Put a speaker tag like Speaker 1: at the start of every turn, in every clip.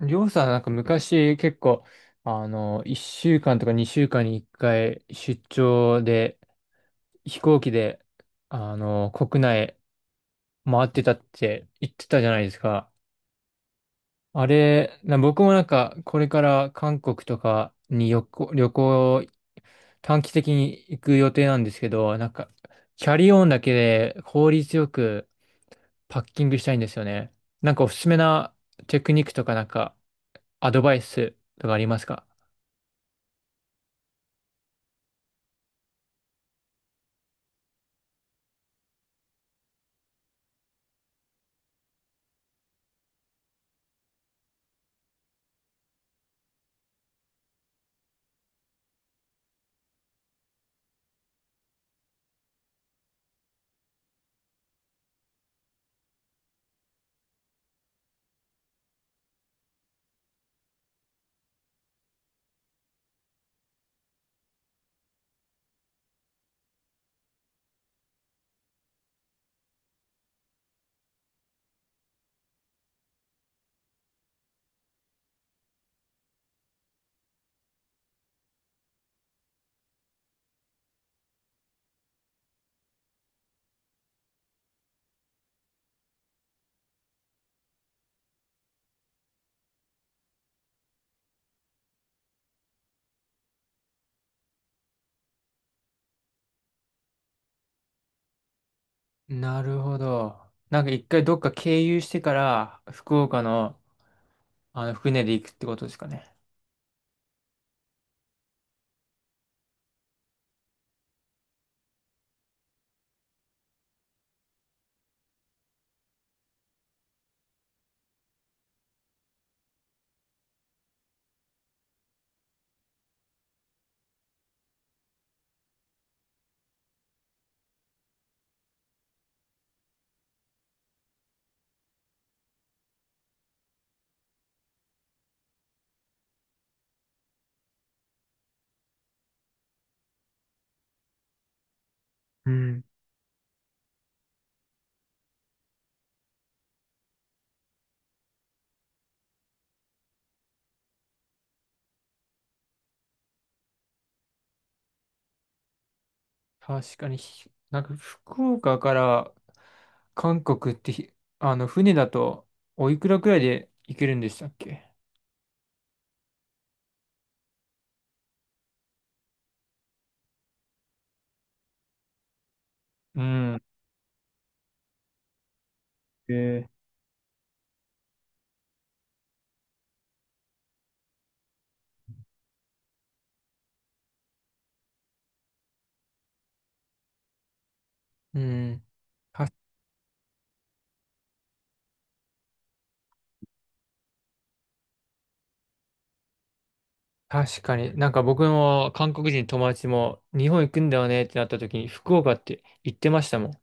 Speaker 1: りょうさん、なんか昔結構、1週間とか2週間に1回出張で、飛行機で、国内回ってたって言ってたじゃないですか。あれ、僕もなんか、これから韓国とかに旅行、短期的に行く予定なんですけど、なんか、キャリーオンだけで効率よくパッキングしたいんですよね。なんかおすすめなテクニックとかなんか、アドバイスとかありますか？なるほど。なんか一回どっか経由してから福岡の船で行くってことですかね。うん。確かになんか福岡から韓国ってあの船だとおいくらくらいで行けるんでしたっけ？うん。へえ。うん。確かに。なんか僕も韓国人友達も日本行くんだよねってなった時に福岡って言ってましたもん。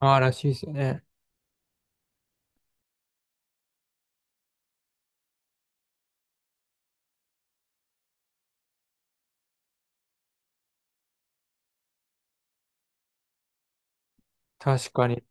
Speaker 1: ああ、らしいですよね。確かに。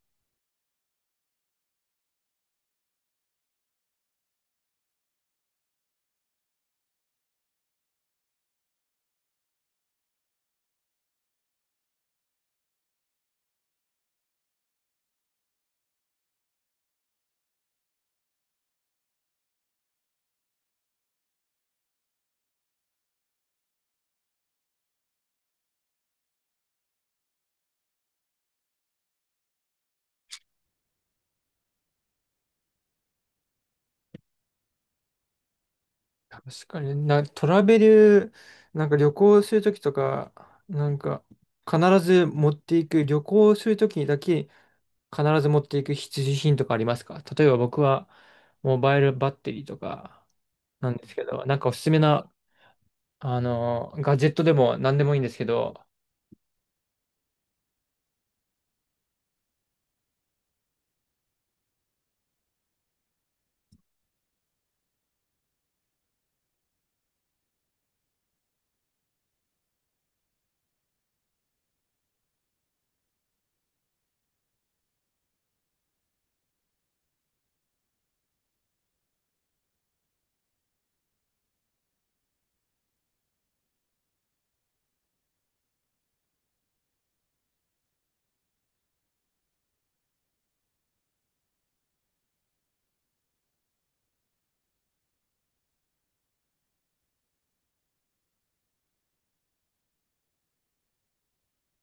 Speaker 1: 確かに。トラベル、なんか旅行するときとか、なんか必ず持っていく、旅行するときにだけ必ず持っていく必需品とかありますか？例えば僕はモバイルバッテリーとかなんですけど、なんかおすすめな、ガジェットでも何でもいいんですけど。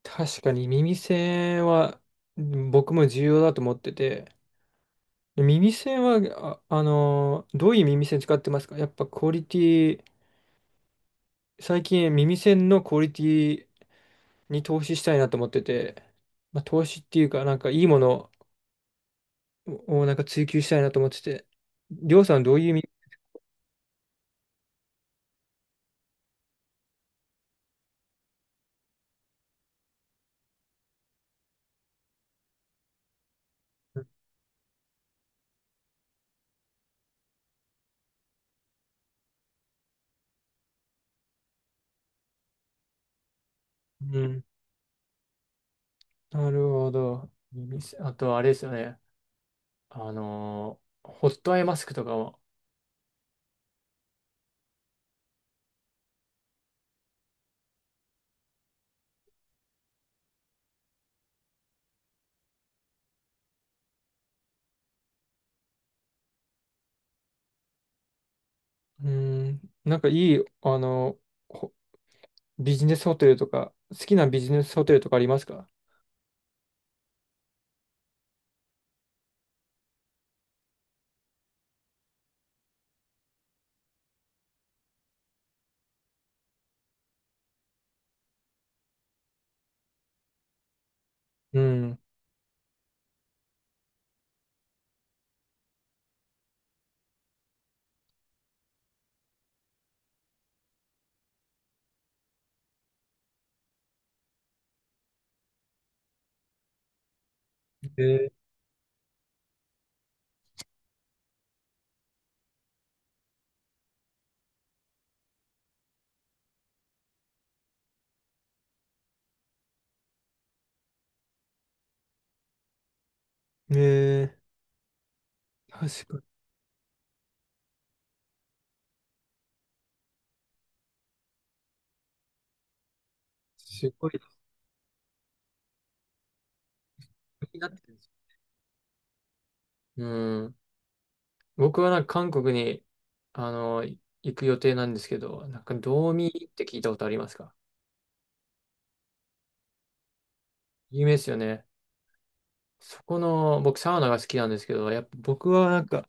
Speaker 1: 確かに耳栓は、うん、僕も重要だと思ってて、耳栓は、どういう耳栓使ってますか？やっぱクオリティ、最近耳栓のクオリティに投資したいなと思ってて、まあ、投資っていうか、なんかいいものをなんか追求したいなと思ってて、りょうさんどういう耳、うん、なるほど。耳栓あと、あれですよね。ホットアイマスクとかも。うん、なんかいい、ービジネスホテルとか、好きなビジネスホテルとかありますか？うん。えー、え確かに。すごい気になってるんですよ。うん。僕はなんか韓国に、行く予定なんですけど、なんか、道民って聞いたことありますか？有名ですよね。そこの、僕サウナが好きなんですけど、やっぱ僕はなんか、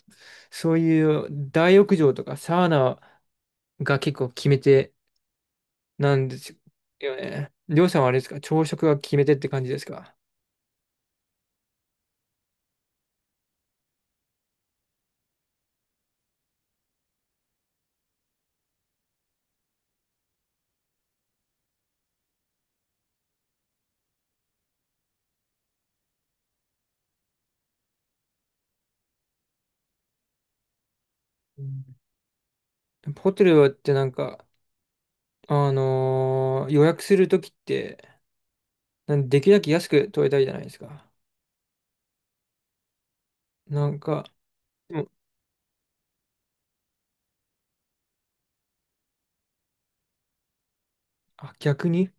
Speaker 1: そういう大浴場とかサウナが結構決め手なんですよね。りょうさんはあれですか？朝食が決め手って感じですか？うん。ホテルってなんか、予約するときって、なんできるだけ安く取れたいじゃないですか。なんか、でも、あ、逆に、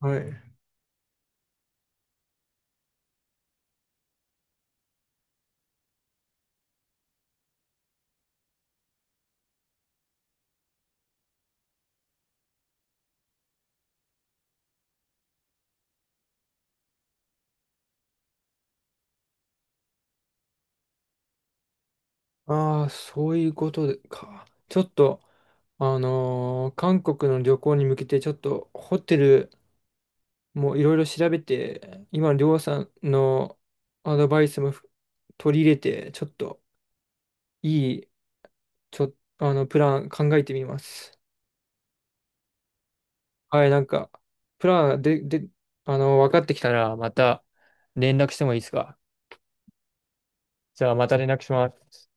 Speaker 1: はい。ああ、そういうことでか。ちょっと、あのー韓国の旅行に向けて、ちょっとホテルもういろいろ調べて、今のりょうさんのアドバイスも取り入れて、ちょっといい、ちょ、あの、プラン考えてみます。はい、なんか、プランで、で、あの、分かってきたら、また連絡してもいいですか？じゃあ、また連絡します。